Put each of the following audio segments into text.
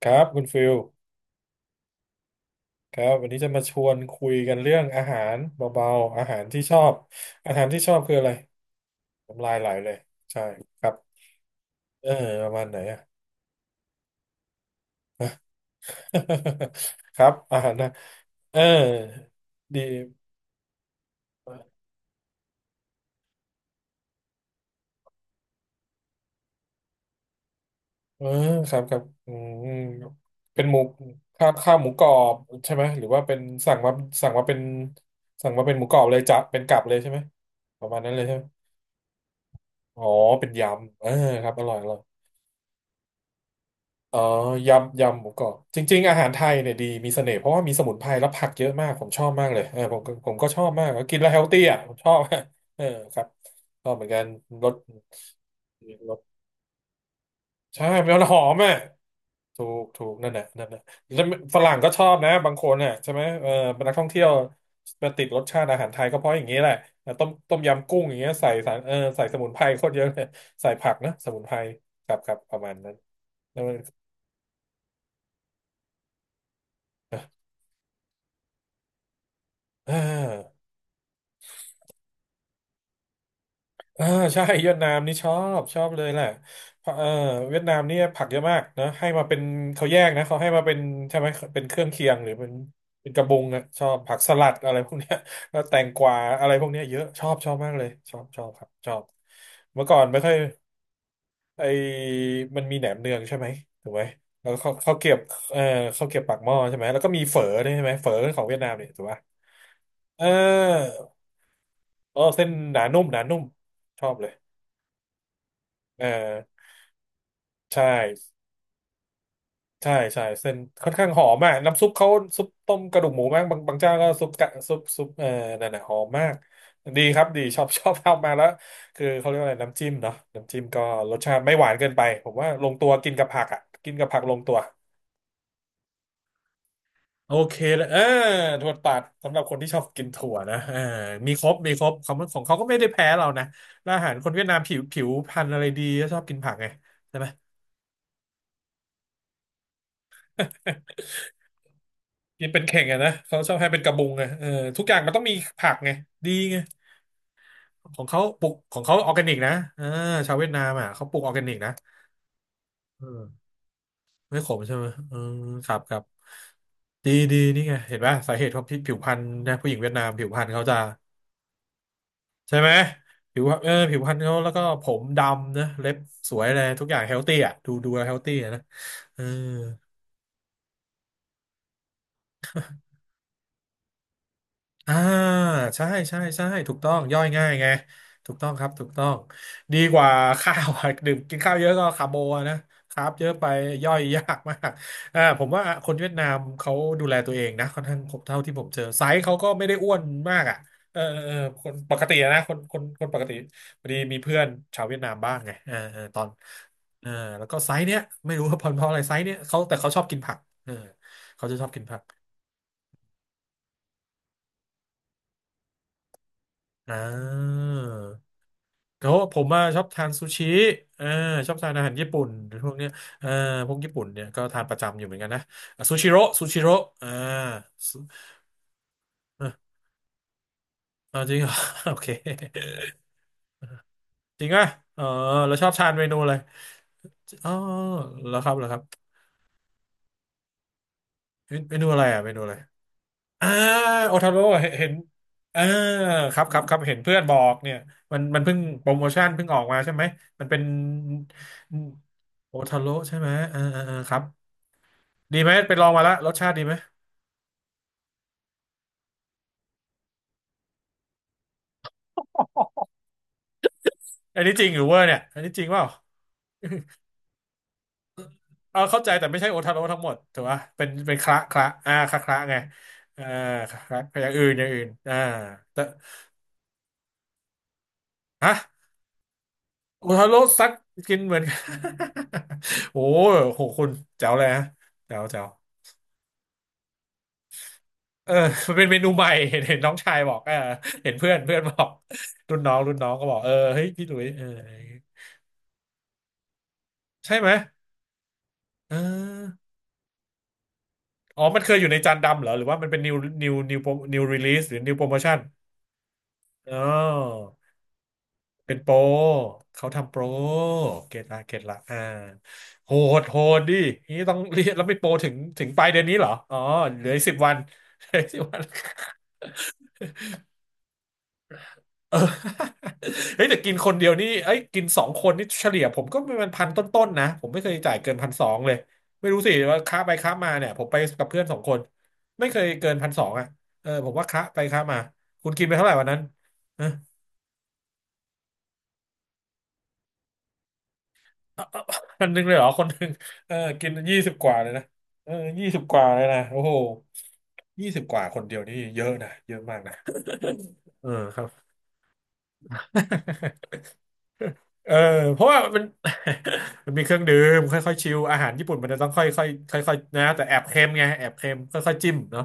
ครับคุณฟิลครับวันนี้จะมาชวนคุยกันเรื่องอาหารเบาๆอาหารที่ชอบอาหารที่ชอบคืออะไรน้ำลายไหลเลยใช่ครับเออประมาณไหนอะ ครับอาหารนะเออดีเออครับครับอืมเป็นหมูข้าวหมูกรอบใช่ไหมหรือว่าเป็นสั่งมาสั่งมาเป็นสั่งมาเป็นหมูกรอบเลยจะเป็นกลับเลยใช่ไหมประมาณนั้นเลยใช่ไหมอ๋อเป็นยำเออครับอร่อยอร่อย เออยำหมูกรอบจริงๆอาหารไทยเนี่ยดีมีเสน่ห์เพราะว่ามีสมุนไพรและผักเยอะมากผมชอบมากเลยเออผมก็ชอบมากกินแล้วเฮลตี้อ่ะผมชอบ เออครับชอบเหมือนกันรสรสใช่มันหอมอ่ะถูกถูกนั่นแหละนั่นแหละแล้วฝรั่งก็ชอบนะบางคนน่ะใช่ไหมเออเป็นนักท่องเที่ยวมาติดรสชาติอาหารไทยก็เพราะอย่างนี้แหละต้มยำกุ้งอย่างเงี้ยใส่สารเออใส่สมุนไพรโคตรเยอะเลยใส่ผักนะสมุนไพรครับครับประมาณนั้นแล้วมันอ่า อ่าใช่เวียดนามนี่ชอบเลยแหละเพราะเออเวียดนามเนี่ยผักเยอะมากนะให้มาเป็นเขาแยกนะเขาให้มาเป็นใช่ไหมเป็นเครื่องเคียงหรือเป็นเป็นกระบุงอะชอบผักสลัดอะไรพวกเนี้ย แล้วแตงกวาอะไรพวกเนี้ยเยอะชอบชอบมากเลยชอบชอบครับชอบเมื่อก่อนไม่ค่อยไอมันมีแหนมเนืองใช่ไหมถูกไหมแล้วเขาเก็บเออเขาเก็บปากหม้อใช่ไหมแล้วก็มีเฝอด้วยใช่ไหมเฝอของเวียดนามเนี่ยถูกปะเออเออเส้นหนานุ่มหนานุ่มชอบเลยเออใช่ ใช่ใช่เส้นค่อนข้างหอมมากน้ำซุปเขาซุปต้มกระดูกหมูมากบางบางเจ้าก็ซุปกะซุปซุปเออนั่นน่ะหอมมากดีครับดีชอบชอบทำมาแล้วคือเขาเรียกว่าอะไรน้ำจิ้มเนาะน้ำจิ้มก็รสชาติไม่หวานเกินไปผมว่าลงตัวกินกับผักอ่ะกินกับผักลงตัวโอเคเลยเออถั่วตัดสำหรับคนที่ชอบกินถั่วนะเออมีครบมีครบของเขาก็ไม่ได้แพ้เรานะแล้วอาหารคนเวียดนามผิวพรรณอะไรดีก็ชอบกินผักไงใช่ไหม กินเป็นเข่งอะนะเขาชอบให้เป็นกระบุงไงเออทุกอย่างมันต้องมีผักไงดีไงของเขาปลูกของเขาออร์แกนิกนะเออชาวเวียดนามอ่ะเขาปลูกออร์แกนิกนะเออไม่ขมใช่ไหมเออครับครับดีดีนี่ไงเห็นป่ะสาเหตุของผิวพรรณนะผู้หญิงเวียดนามผิวพรรณเขาจะใช่ไหมผิวเออผิวพรรณเขาแล้วก็ผมดำนะเล็บสวยอะไรทุกอย่างเฮลตี้อ่ะดูดูเฮลตี้นะเออ อ่าใช่ใช่ใช่ถูกต้องย่อยง่ายไงถูกต้องครับถูกต้องดีกว่าข้าวอะดื่มกินข้าวเยอะก็คาร์โบอะนะครับเยอะไปย่อยยากมากอ่าผมว่าคนเวียดนามเขาดูแลตัวเองนะค่อนข้างผมเท่าที่ผมเจอไซส์เขาก็ไม่ได้อ้วนมากอ่ะเออเออเออคนปกติอะนะคนปกติพอดีมีเพื่อนชาวเวียดนามบ้างไงเออเออตอนเออแล้วก็ไซส์เนี้ยไม่รู้ว่าเพราะอะไรไซส์เนี้ยเขาแต่เขาชอบกินผักเออเขาจะชอบกินผักอ่า เขาผมมาชอบทานซูชิเออชอบทานอาหารญี่ปุ่นพวกเนี้ยเออพวกญี่ปุ่นเนี่ยก็ทานประจำอยู่เหมือนกันนะอ่ะซูชิโร่ซูชิโร่อ่าซูเอออ่าจริงเหรอ โอเคจริงอ่ะเออเราชอบทานเมนูอะไรอ๋อแล้วครับแล้วครับเมนูอะไรอ่ะเมนูอะไรอ่าโอทาโร่เห็นอ่าครับครับครับเห็นเพื่อนบอกเนี่ยมันเพิ่งโปรโมชั่นเพิ่งออกมาใช่ไหมมันเป็นโอทาโร่ใช่ไหมครับดีไหมไปลองมาแล้วรสชาติดีไหม อันนี้จริงหรือเวอร์เนี่ยอันนี้จริงเปล่าเอาเข้าใจแต่ไม่ใช่โอทาโร่ทั้งหมดถูกป่ะเป็นเป็นคละคละอ่าคละคละไงอ่าคละคละอย่างอื่นอย่างอื่นอ่าแต่ฮะโอทาโร่ซักกินเหมือน โอ้โหคุณแจ๋วเลยฮะแจ๋วแจ๋วเออมันเป็นเมนูใหม่เห็นน้องชายบอกเออเห็นเพื่อนเพื่อนบอกรุ่นน้องก็บอกเออเฮ้ยพี่หลุยเออใช่ไหมเอออ๋อมันเคยอยู่ในจานดำเหรอหรือว่ามันเป็น new new release หรือ new promotion อ๋อ เป็นโปรเขาทำโปรเกตละเกตละอ่าโหดโหดดินี่ต้อง เรียนแล้วไม่โปรถึงปลายเดือนนี้เหรออ๋อเหลือสิบวัน เหลือสิบวันเออ เฮ้ยแต่กินคนเดียวนี่เอ้ยกินสองคนนี่เฉลี่ยผมก็เป็นพันต้นๆนะผมไม่เคยจ่ายเกินพันสองเลยไม่รู้สิว่าค้าไปค้ามาเนี่ยผมไปกับเพื่อนสองคนไม่เคยเกินพันสองอ่ะเออผมว่าค้าไปค้ามาคุณกินไปเท่าไหร่วันนั้น อันหนึงเลยเหรอคนหนึ่งเออกินยี่สิบกว่าเลยนะเออยี่สิบกว่าเลยนะโอ้โหยี่สิบกว่าคนเดียวนี่เยอะนะเยอะมากนะเออครับ เออเพราะว่ามัน มันมีเครื่องดื่มค่อยๆชิลอาหารญี่ปุ่นมันจะต้องค่อยๆค่อยๆนะแต่แอบเค็มไงแอบเค็มค่อยๆจิ้มเนาะ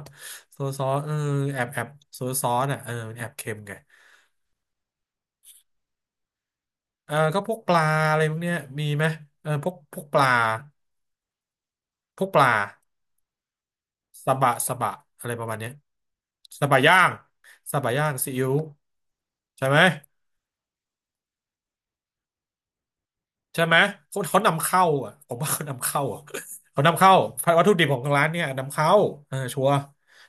โซซอสเออแอบแอบโซซอสอ่ะเออมันแอบเค็มไงเออก็พวกปลาอะไรพวกเนี้ยมีไหมเออพวกปลาพวกปลา สบะอะไรประมาณเนี้ยสบะย่างสบะย่างซีอิ๊วใช่ไหมใช่ไหมเขานำเข้าอ่ะผมว่าเขานำเข้าอะ เขานำเข้าวัตถุดิบของร้านเนี่ยนำเข้าเออชัวร์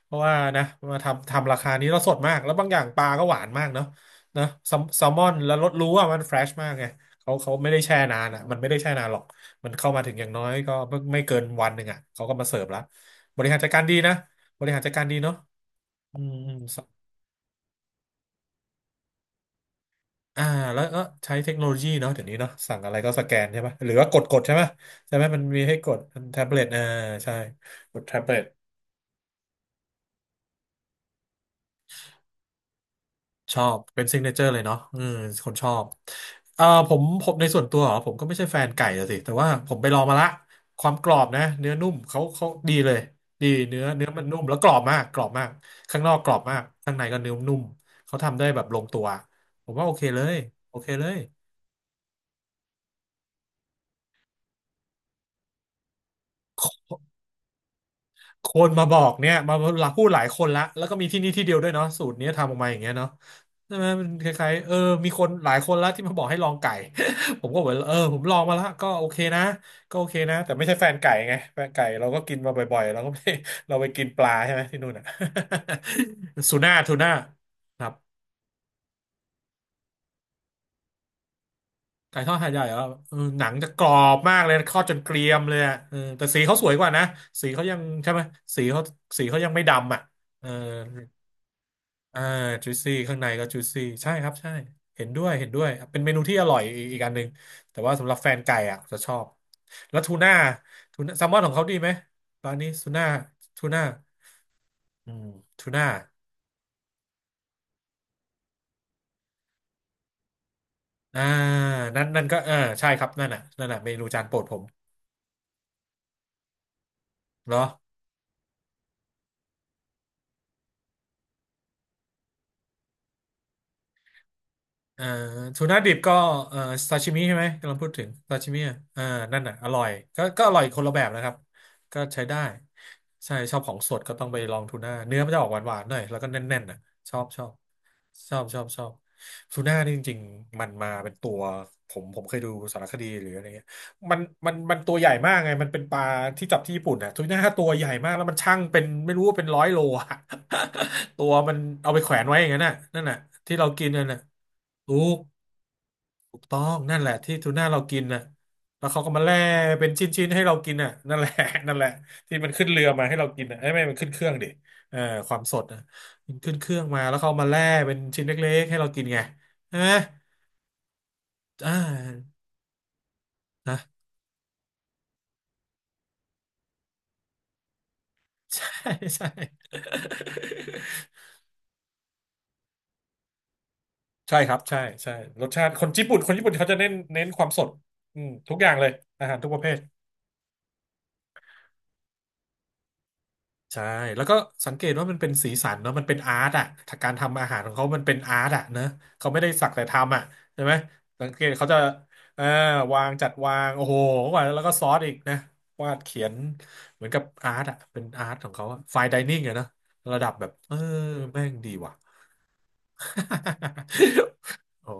เพราะว่านะมาทำราคานี้แล้วสดมากแล้วบางอย่างปลาก็หวานมากเนาะนะแซลมอนแล้วรสรู้ว่ามันเฟรชมากไงเขาไม่ได้แช่นานอ่ะมันไม่ได้แช่นานหรอกมันเข้ามาถึงอย่างน้อยก็ไม่ไม่เกินวันหนึ่งอ่ะเขาก็มาเสิร์ฟแล้วบริหารจัดการดีนะบริหารจัดการดีเนาะอืมอืม อ่าแล้วก็ใช้เทคโนโลยีเนาะเดี๋ยวนี้เนาะสั่งอะไรก็สแกนใช่ปะหรือว่ากดใช่ไหมใช่ไหมมันมีให้กดแท็บเล็ตอ่าใช่กดแท็บเล็ตชอบเป็นซิงเกิลเจอร์เลยเนาะอืมคนชอบผมในส่วนตัวเหรอผมก็ไม่ใช่แฟนไก่อะสิแต่ว่าผมไปลองมาละความกรอบนะเนื้อนุ่มเขาดีเลยดีเนื้อมันนุ่มแล้วกรอบมากกรอบมากข้างนอกกรอบมากข้างในก็เนื้อนุ่มเขาทำได้แบบลงตัวผมว่าโอเคเลยโอเคเลย คนมาบอกเนี่ยมาหลายพูดหลายคนละแล้วก็มีที่นี่ที่เดียวด้วยเนาะสูตรเนี้ยทำออกมาอย่างเงี้ยเนาะใช่ไหมมันคล้ายๆเออมีคนหลายคนละที่มาบอกให้ลองไก่ ผมก็เหมือนเออผมลองมาแล้วก็โอเคนะก็โอเคนะแต่ไม่ใช่แฟนไก่ไงแฟนไก่เราก็กินมาบ่อยๆเราก็ไม่ เราไปกินปลาใช่ไหมที่นู่นอ่ะ ทูน่าครับไก่ทอดหาดใหญ่เหรอเออหนังจะกรอบมากเลยทอดจนเกรียมเลยอะเออแต่สีเขาสวยกว่านะสีเขายังใช่ไหมสีเขาสีเขายังไม่ดำอ่ะเออ อ่าจูซี่ข้างในก็จูซี่ใช่ครับใช่เห็นด้วยเห็นด้วยเป็นเมนูที่อร่อยอีกอีกอันหนึ่งแต่ว่าสำหรับแฟนไก่อ่ะจะชอบแล้วทูน่าแซลมอนของเขาดีไหมร้านนี้ทูน่าอืมทูน่าอ่านั่นก็เออใช่ครับนั่นน่ะนั่นน่ะเมนูจานโปรดผมเนาะ เอ่อทูน่าดิบก็เอ่อซาชิมิใช่ไหมกำลังพูดถึงซาชิมิอ่ะเอ่านั่นน่ะอร่อยก็อร่อยคนละแบบนะครับก็ใช้ได้ใช่ชอบของสดก็ต้องไปลองทูน่าเนื้อมันจะออกหวานๆหน่อยแล้วก็แน่นๆน่ะชอบชอบชอบชอบชอบทูน่านี่จริงๆมันมาเป็นตัวผมเคยดูสารคดีหรืออะไร มันมันตัวใหญ่มากไงมันเป็นปลาที่จับที่ญี่ปุ่นอ่ะทุกหน้าตัวใหญ่มากแล้วมันช่างเป็นไม่รู้ว่าเป็นร้อยโลอ่ะ ตัวมันเอาไปแขวนไว้อย่างนั้นน่ะนั่นน่ะที่เรากินนั่นน่ะถูกถูกต้องนั่นแหละที่ทูน่าเรากินน่ะแล้วเขาก็มาแล่เป็นชิ้นๆให้เรากินน่ะนั่นแหละ นั่นแหละที่มันขึ้นเรือมาให้เรากินน่ะเอ้ยไม่มันขึ้นเครื่องดิเออความสดนะมันขึ้นเครื่องมาแล้วเขาเอามาแล่เป็นชิ้นเล็กๆให้เรากินไงใช่ไหมอ่านะ ใช่ใช่ ใช่ครับใช่ใช่รสชาติคนญี่ปุ่นเขาจะเน้นความสดอืมทุกอย่างเลยอาหารทุกประเภทใช่แล้วก็สังเกตว่ามันเป็นสีสันเนาะมันเป็นอาร์ตอ่ะการทำอาหารของเขามันเป็นอาร์ตอ่ะเนอะเขาไม่ได้สักแต่ทำอ่ะใช่ไหมสังเกตเขาจะอ่าวางจัดวางโอ้โหกว่าแล้วก็ซอสอีกนะวาดเขียนเหมือนกับอาร์ตอ่ะเป็นอาร์ตของเขาอะไฟน์ไดนิ่งอะเนอะระดับแบบเออแม่งดีว่ะ โอ้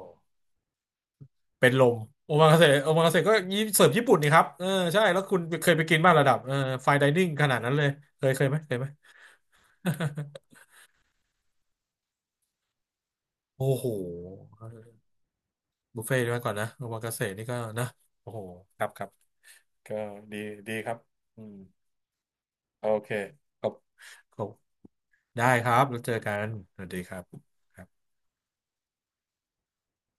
เป็นลมโอมากาเสะโอมากาเสะก็ยิเสิร์ฟญี่ปุ่นนี่ครับเออใช่แล้วคุณเคยไปกินบ้างระดับเออไฟน์ไดนิ่งขนาดนั้นเลย เคยไหมเคยไหม โอ้โหบุฟเฟ่ต์ด้วยก่อนนะโอมากาเสะนี่ก็นะโอ้โหครับครับก็ดีดีครับอืมโอเคขอบขอบได้ครับแล้วเจอกันสวัสดีครับ